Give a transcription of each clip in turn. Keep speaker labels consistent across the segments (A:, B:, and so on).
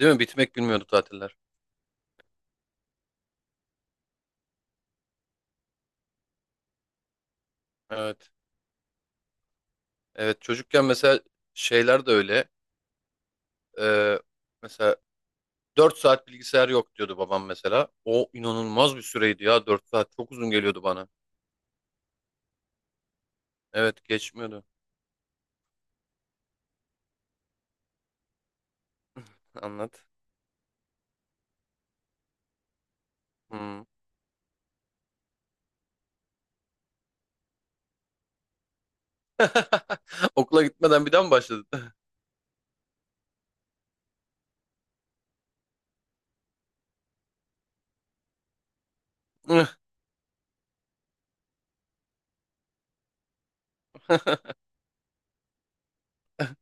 A: Değil mi? Bitmek bilmiyordu tatiller. Evet. Evet çocukken mesela şeyler de öyle. Ee, mesela 4 saat bilgisayar yok diyordu babam mesela. O inanılmaz bir süreydi ya, 4 saat. Çok uzun geliyordu bana. Evet geçmiyordu. Anlat. Hmm. Okula gitmeden bir daha mı başladın?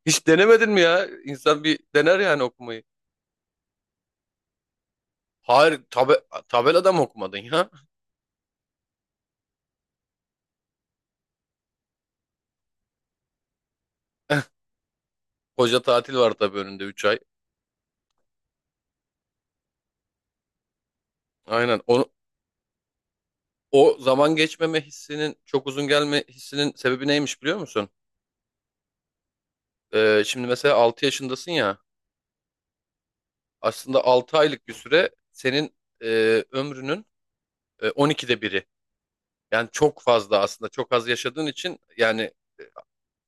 A: Hiç denemedin mi ya? İnsan bir dener yani okumayı. Hayır tabelada mı okumadın ya? Koca tatil var tabii önünde, 3 ay. Aynen. O zaman geçmeme hissinin, çok uzun gelme hissinin sebebi neymiş, biliyor musun? Şimdi mesela 6 yaşındasın ya, aslında 6 aylık bir süre senin ömrünün 12'de biri. Yani çok fazla, aslında çok az yaşadığın için yani, e,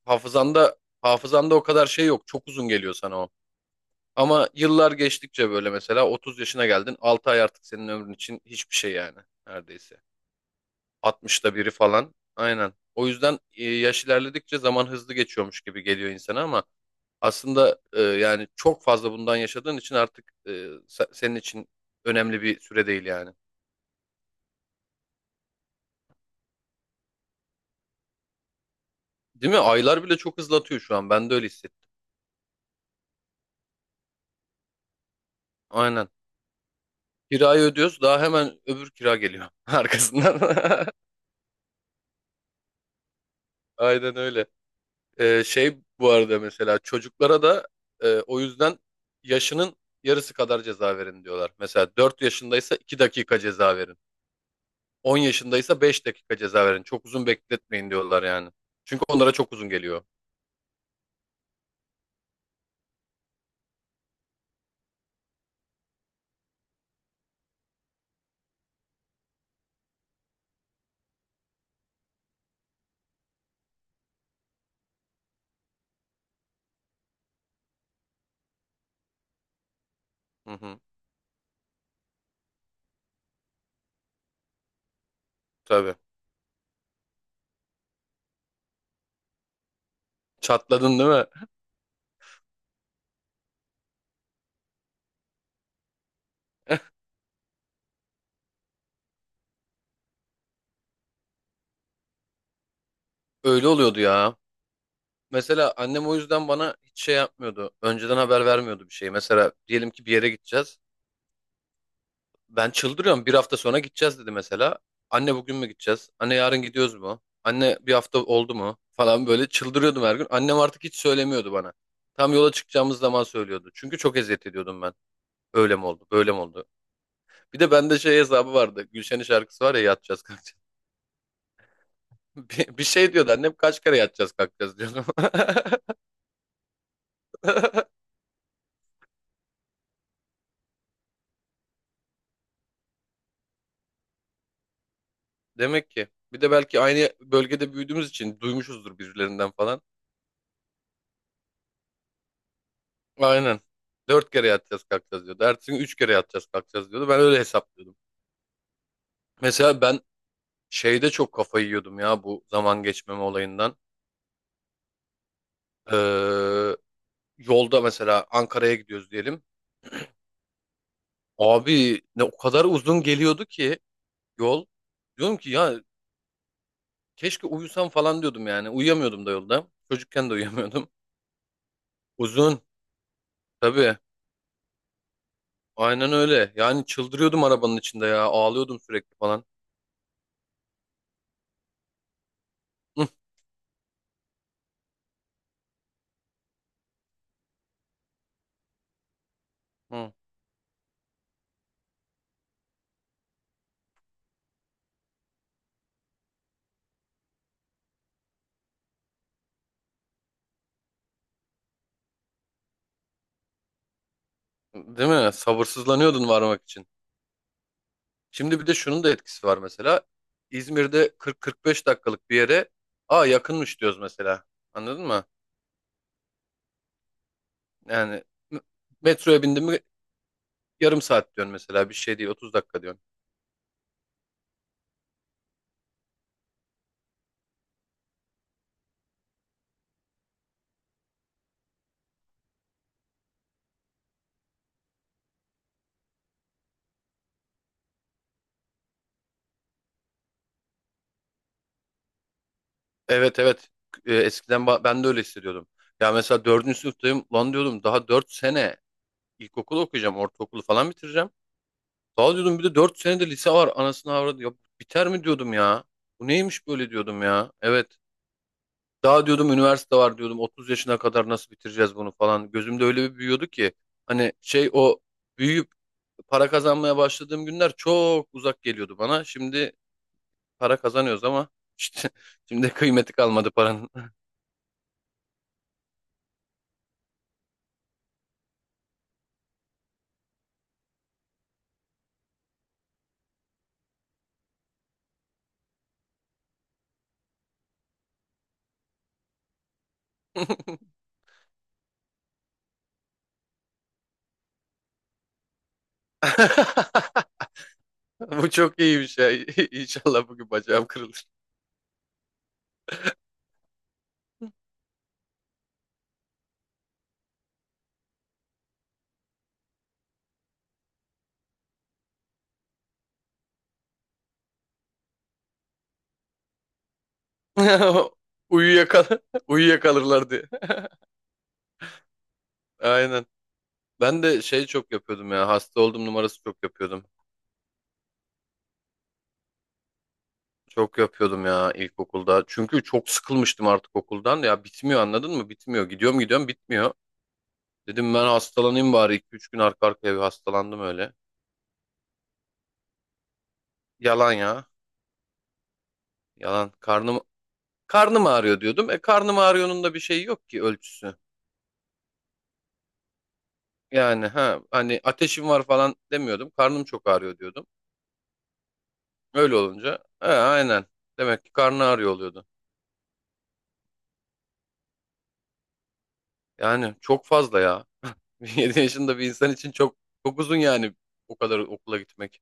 A: hafızanda hafızanda o kadar şey yok. Çok uzun geliyor sana o. Ama yıllar geçtikçe, böyle mesela 30 yaşına geldin, 6 ay artık senin ömrün için hiçbir şey yani, neredeyse. 60'ta biri falan. Aynen. O yüzden yaş ilerledikçe zaman hızlı geçiyormuş gibi geliyor insana ama aslında, yani çok fazla bundan yaşadığın için artık, senin için önemli bir süre değil yani. Değil mi? Aylar bile çok hızlatıyor şu an. Ben de öyle hissettim. Aynen. Kirayı ödüyoruz. Daha hemen öbür kira geliyor arkasından. Aynen öyle. Şey bu arada mesela çocuklara da o yüzden yaşının yarısı kadar ceza verin diyorlar. Mesela 4 yaşındaysa 2 dakika ceza verin. 10 yaşındaysa 5 dakika ceza verin. Çok uzun bekletmeyin diyorlar yani. Çünkü onlara çok uzun geliyor. Hı hı. Tabii. Çatladın değil mi? Öyle oluyordu ya. Mesela annem o yüzden bana hiç şey yapmıyordu. Önceden haber vermiyordu bir şey. Mesela diyelim ki bir yere gideceğiz. Ben çıldırıyorum. Bir hafta sonra gideceğiz dedi mesela. Anne bugün mü gideceğiz? Anne yarın gidiyoruz mu? Anne bir hafta oldu mu? Falan böyle çıldırıyordum her gün. Annem artık hiç söylemiyordu bana. Tam yola çıkacağımız zaman söylüyordu. Çünkü çok eziyet ediyordum ben. Öyle mi oldu? Böyle mi oldu? Bir de bende şey hesabı vardı. Gülşen'in şarkısı var ya, yatacağız kalkacağız. Bir şey diyordu annem, kaç kere yatacağız kalkacağız diyordum. Demek ki. Bir de belki aynı bölgede büyüdüğümüz için duymuşuzdur birilerinden falan. Aynen. Dört kere yatacağız kalkacağız diyordu. Ertesi gün üç kere yatacağız kalkacağız diyordu. Ben öyle hesaplıyordum. Mesela ben şeyde çok kafayı yiyordum ya, bu zaman geçmeme olayından. Ee, yolda mesela Ankara'ya gidiyoruz diyelim. Abi ne o kadar uzun geliyordu ki yol. Diyorum ki ya, keşke uyusam falan diyordum yani. Uyuyamıyordum da yolda. Çocukken de uyuyamıyordum. Uzun. Tabii. Aynen öyle. Yani çıldırıyordum arabanın içinde ya. Ağlıyordum sürekli falan. Hı, hı. Değil mi? Sabırsızlanıyordun varmak için. Şimdi bir de şunun da etkisi var mesela. İzmir'de 40-45 dakikalık bir yere, aa, yakınmış diyoruz mesela. Anladın mı? Yani m- metroya bindim mi yarım saat diyorsun mesela. Bir şey değil, 30 dakika diyorsun. Evet evet. Eskiden ben de öyle hissediyordum. Ya mesela dördüncü sınıftayım. Lan diyordum, daha 4 sene ilkokulu okuyacağım. Ortaokulu falan bitireceğim. Daha diyordum bir de 4 sene de lise var. Anasını avradı. Ya biter mi diyordum ya. Bu neymiş böyle diyordum ya. Evet. Daha diyordum üniversite var diyordum. 30 yaşına kadar nasıl bitireceğiz bunu falan. Gözümde öyle bir büyüyordu ki. Hani şey, o büyüyüp para kazanmaya başladığım günler çok uzak geliyordu bana. Şimdi para kazanıyoruz ama işte şimdi kıymeti kalmadı paranın. Bu çok iyiymiş ya. İnşallah bugün bacağım kırılır. Uyuyakal uyuyakalırlar diye. Aynen. Ben de şey çok yapıyordum ya. Hasta oldum numarası çok yapıyordum. Çok yapıyordum ya ilkokulda. Çünkü çok sıkılmıştım artık okuldan. Ya bitmiyor, anladın mı? Bitmiyor. Gidiyorum gidiyorum bitmiyor. Dedim ben hastalanayım bari. İki üç gün arka arkaya bir hastalandım öyle. Yalan ya. Yalan. Karnım karnım ağrıyor diyordum. E, karnım ağrıyor'nun da bir şeyi yok ki, ölçüsü. Yani ha, hani ateşim var falan demiyordum. Karnım çok ağrıyor diyordum. Öyle olunca he, aynen. Demek ki karnı ağrıyor oluyordu. Yani çok fazla ya. 7 yaşında bir insan için çok çok uzun yani o kadar okula gitmek.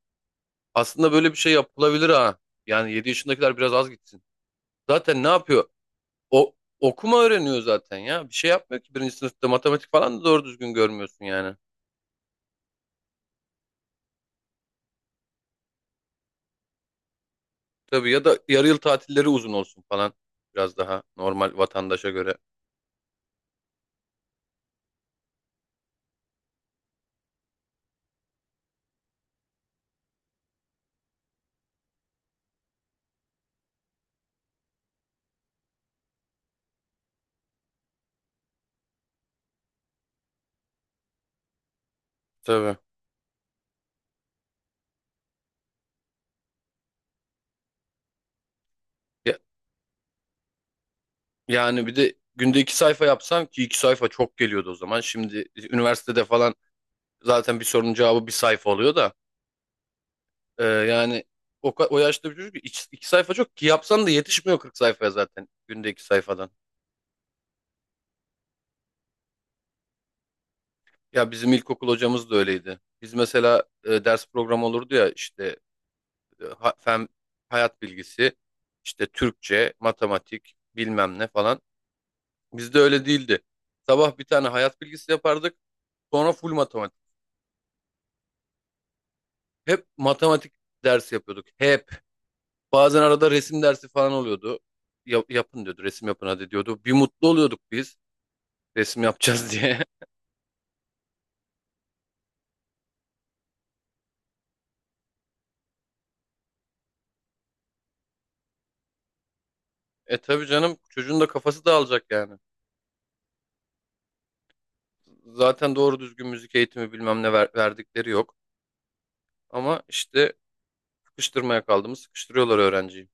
A: Aslında böyle bir şey yapılabilir ha. Yani 7 yaşındakiler biraz az gitsin. Zaten ne yapıyor? O okuma öğreniyor zaten ya. Bir şey yapmıyor ki, birinci sınıfta matematik falan da doğru düzgün görmüyorsun yani. Tabii, ya da yarı yıl tatilleri uzun olsun falan. Biraz daha normal vatandaşa göre. Tabii. Ya, yani bir de günde iki sayfa yapsam ki iki sayfa çok geliyordu o zaman. Şimdi üniversitede falan zaten bir sorunun cevabı bir sayfa oluyor da. Yani o yaşta bir çocuk iki sayfa çok ki yapsan da yetişmiyor 40 sayfaya zaten günde iki sayfadan. Ya bizim ilkokul hocamız da öyleydi. Biz mesela ders programı olurdu ya işte, fen, hayat bilgisi, işte Türkçe, matematik, bilmem ne falan. Bizde öyle değildi. Sabah bir tane hayat bilgisi yapardık, sonra full matematik. Hep matematik dersi yapıyorduk. Hep. Bazen arada resim dersi falan oluyordu. Yapın diyordu. Resim yapın hadi diyordu. Bir mutlu oluyorduk biz. Resim yapacağız diye. E tabii canım, çocuğun da kafası dağılacak yani. Zaten doğru düzgün müzik eğitimi bilmem ne verdikleri yok. Ama işte sıkıştırmaya kaldığımız sıkıştırıyorlar öğrenciyi.